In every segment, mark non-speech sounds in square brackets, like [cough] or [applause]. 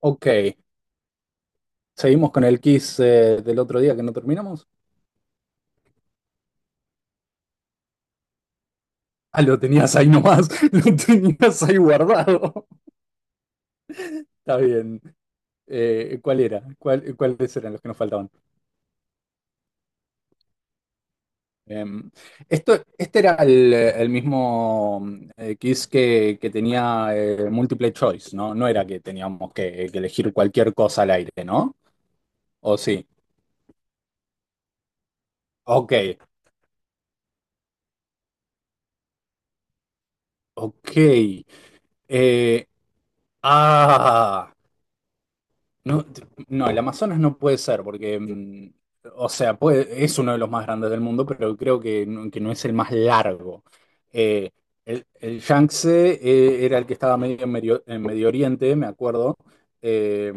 Ok, seguimos con el quiz del otro día que no terminamos. Ah, lo tenías ahí nomás, [laughs] lo tenías ahí guardado. [laughs] Está bien. ¿Cuál era? ¿Cuáles eran los que nos faltaban? Em, Esto, este era el mismo quiz que tenía multiple choice, ¿no? No era que teníamos que elegir cualquier cosa al aire, ¿no? ¿O sí? Ok, ok. Eh, ah. No, no, el Amazonas no puede ser, porque, o sea, es uno de los más grandes del mundo, pero creo que no es el más largo. Eh, el Yangtze, era el que estaba medio en Medio, en Medio Oriente, me acuerdo, eh,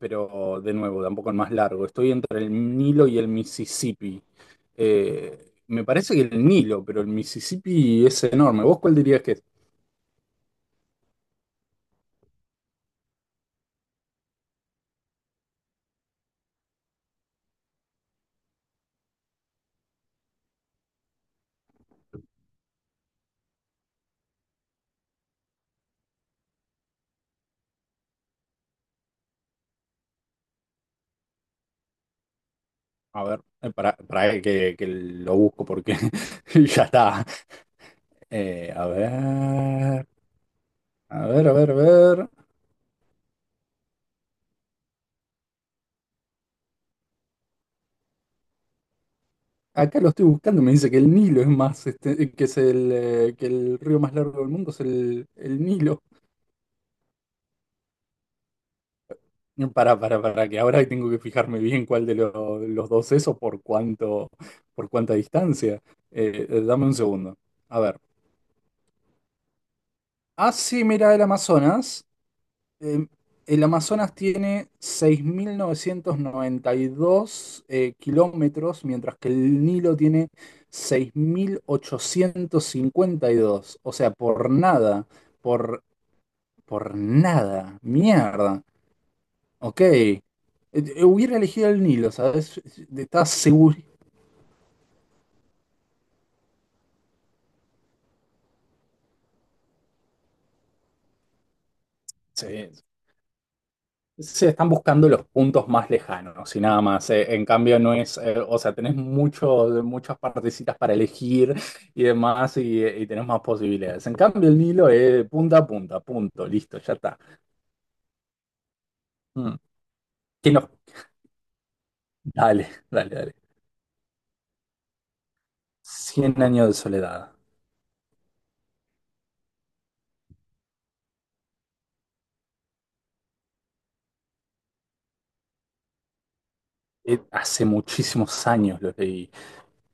pero de nuevo, tampoco el más largo. Estoy entre el Nilo y el Mississippi. Me parece que el Nilo, pero el Mississippi es enorme. ¿Vos cuál dirías que es? A ver, para que lo busco porque [laughs] ya está. A ver, a ver, a ver, a ver. Acá lo estoy buscando, me dice que el Nilo es más, este, que es que el río más largo del mundo es el Nilo. No, para que ahora tengo que fijarme bien cuál de los dos es o por cuánto, por cuánta distancia. Dame un segundo. A ver. Ah, sí, mira, el Amazonas. Em, el Amazonas tiene 6.992 kilómetros, mientras que el Nilo tiene 6.852. O sea, por nada, por, por nada, mierda. Ok. Hubiera elegido el Nilo, ¿sabes? Estaba seguro. Sí, se están buscando los puntos más lejanos y nada más. En cambio, no es, o sea, tenés muchos muchas partecitas para elegir y demás y tenés más posibilidades. En cambio, el Nilo es punta a punta, punto, listo, ya está. Mm. ¿Qué nos- Dale, dale, dale. Cien años de soledad. Hace muchísimos años lo leí.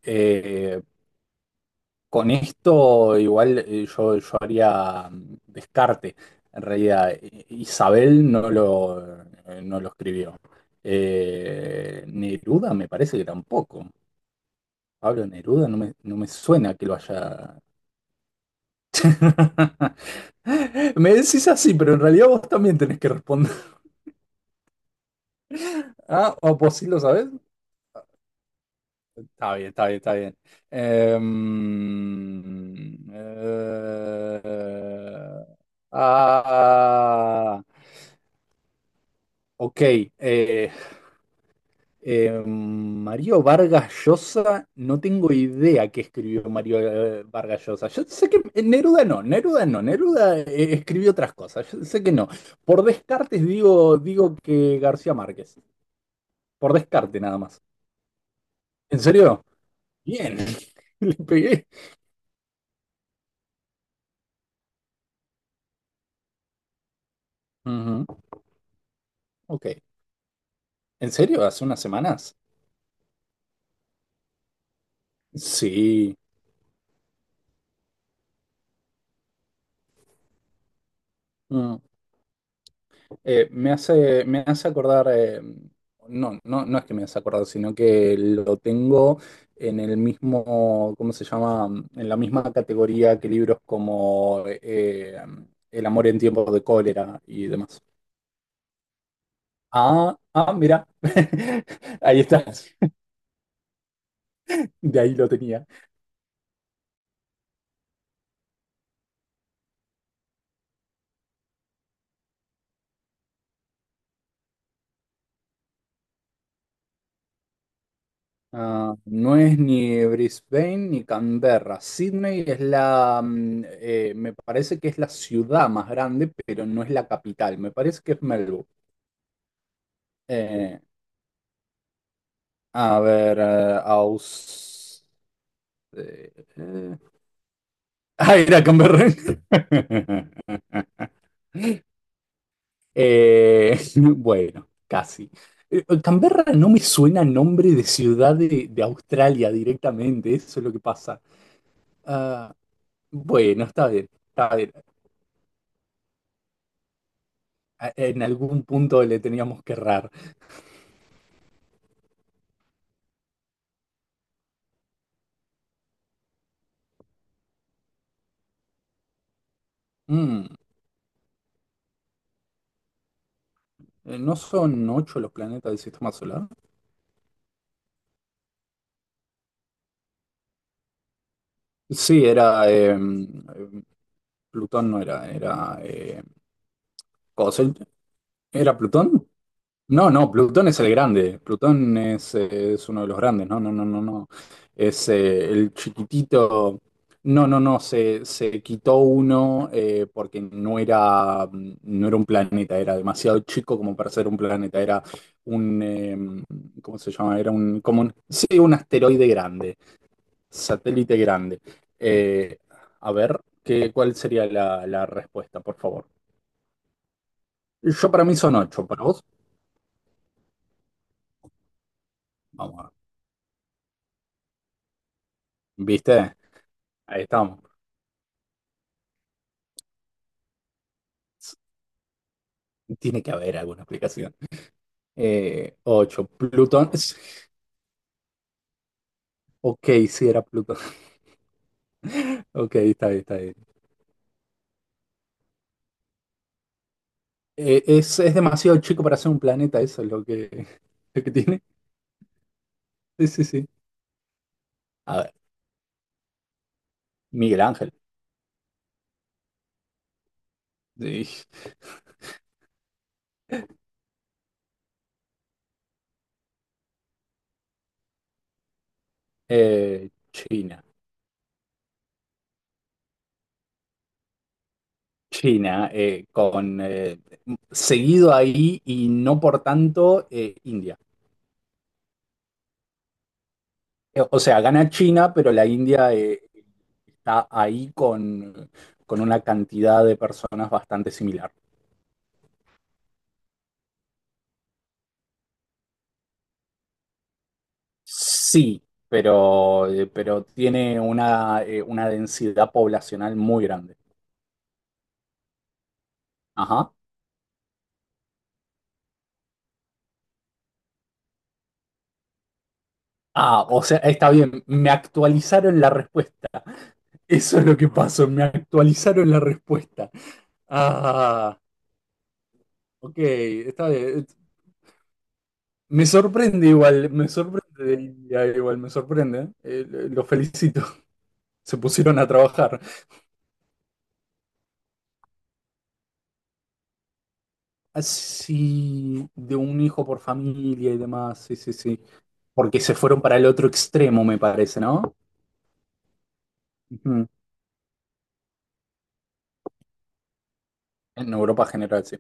Eh, Con esto igual yo haría descarte. En realidad, Isabel no lo escribió. Neruda me parece que tampoco. Pablo Neruda no me suena que lo haya... [laughs] Me decís así, pero en realidad vos también tenés que responder. [laughs] Ah, o vos sí lo sabés. Está bien, está bien, está bien. Em, eh, ah. Ok, Mario Vargas Llosa, no tengo idea qué escribió Mario Vargas Llosa. Yo sé que Neruda no, Neruda escribió otras cosas, yo sé que no. Por descartes digo que García Márquez, por descarte nada más. ¿En serio? Bien, [laughs] le pegué. Ujú. Ok, ¿en serio? ¿Hace unas semanas? Sí. Mm. Me hace acordar, no, no, no es que me hace acordar, sino que lo tengo en el mismo, ¿cómo se llama? En la misma categoría que libros como El amor en tiempos de cólera y demás. Ah, ah, mira, [laughs] ahí está, de ahí lo tenía. Ah, no es ni Brisbane ni Canberra. Sydney me parece que es la ciudad más grande, pero no es la capital. Me parece que es Melbourne. Eh, a ver, eh, eh, [laughs] ah, era Canberra. [laughs] [laughs] Bueno, casi. Canberra no me suena a nombre de ciudad de Australia directamente, eso es lo que pasa. Ah, bueno, está bien, está bien. En algún punto le teníamos que errar. Mm, ¿No son ocho los planetas del sistema solar? Sí, era. Plutón no era. Cosel- ¿Era Plutón? No, no, Plutón es el grande. Plutón es uno de los grandes. No, no, no, no, no. Es el chiquitito. No, no, no. Se quitó uno porque no era un planeta. Era demasiado chico como para ser un planeta. Era un, ¿cómo se llama? Era un, como un, sí, un asteroide grande, satélite grande. Eh, a ver, ¿cuál sería la respuesta, por favor? Yo para mí son ocho, ¿para vos? Vamos, a ver. ¿Viste? Ahí estamos. Tiene que haber alguna explicación. Ocho, Plutón. [laughs] Ok, sí, era Plutón. [laughs] Ok, está bien, está bien. Es demasiado chico para ser un planeta, eso es lo que tiene. Sí, sí, sí. A ver, Miguel Ángel. Sí. China. China, con seguido ahí y no por tanto India. O sea, gana China, pero la India está ahí con una cantidad de personas bastante similar. Sí, pero tiene una densidad poblacional muy grande. Ajá. Ah, o sea, está bien, me actualizaron la respuesta. [laughs] Eso es lo que pasó, me actualizaron la respuesta. Ah, ok, está bien. Me sorprende igual, me sorprende del día, igual, me sorprende. Los felicito, [laughs] se pusieron a trabajar. Así, de un hijo por familia y demás, sí, sí, sí. Porque se fueron para el otro extremo, me parece, ¿no? Ujú. En Europa en general, sí.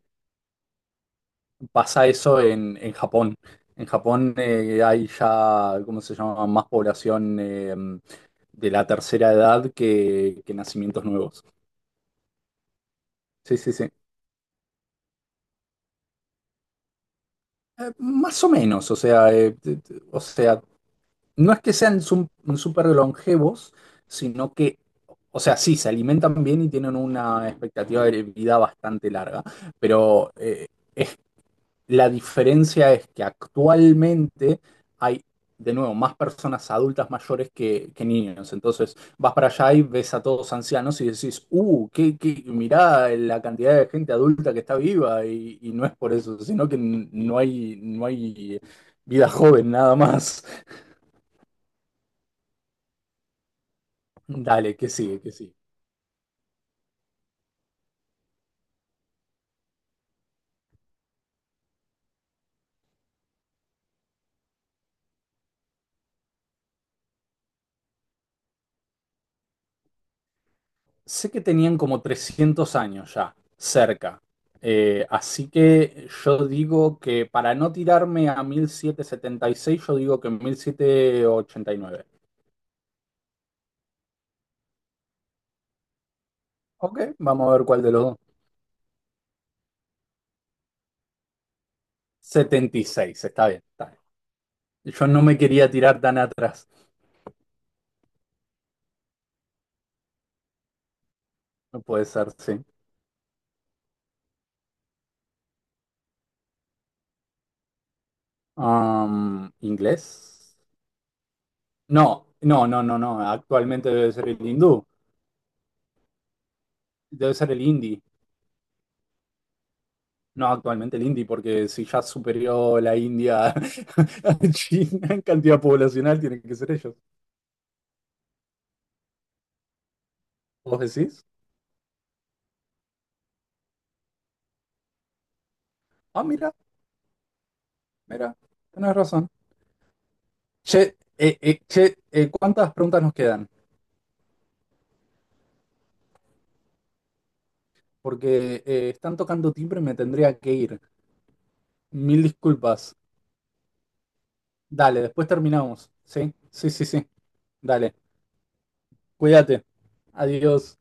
Pasa eso en Japón. En Japón hay ya, ¿cómo se llama? Más población de la tercera edad que nacimientos nuevos. Sí, sí, sí. Más o menos, o sea, o sea, no es que sean súper longevos, sino que, o sea, sí, se alimentan bien y tienen una expectativa de vida bastante larga, pero es, la diferencia es que actualmente hay, de nuevo, más personas adultas mayores que niños. Entonces, vas para allá y ves a todos ancianos y decís, mirá la cantidad de gente adulta que está viva y no es por eso, sino que no hay vida joven nada más. Dale, que sigue, que sigue. Sé que tenían como 300 años ya, cerca. Así que yo digo que para no tirarme a 1776, yo digo que 1789. Ok, vamos a ver cuál de los dos. 76, está bien, está bien. Yo no me quería tirar tan atrás. No puede ser, sí. ¿Inglés? No, no, no, no, no. Actualmente debe ser el hindú. Debe ser el hindi. No, actualmente el indie, porque si ya superó la India [laughs] a China en cantidad poblacional, tienen que ser ellos. ¿Vos decís? Ah, mira, mira, tenés razón. Che, che, ¿cuántas preguntas nos quedan? Porque están tocando timbre y me tendría que ir. Mil disculpas. Dale, después terminamos. Sí, sí, sí, sí. Dale, cuídate. Adiós.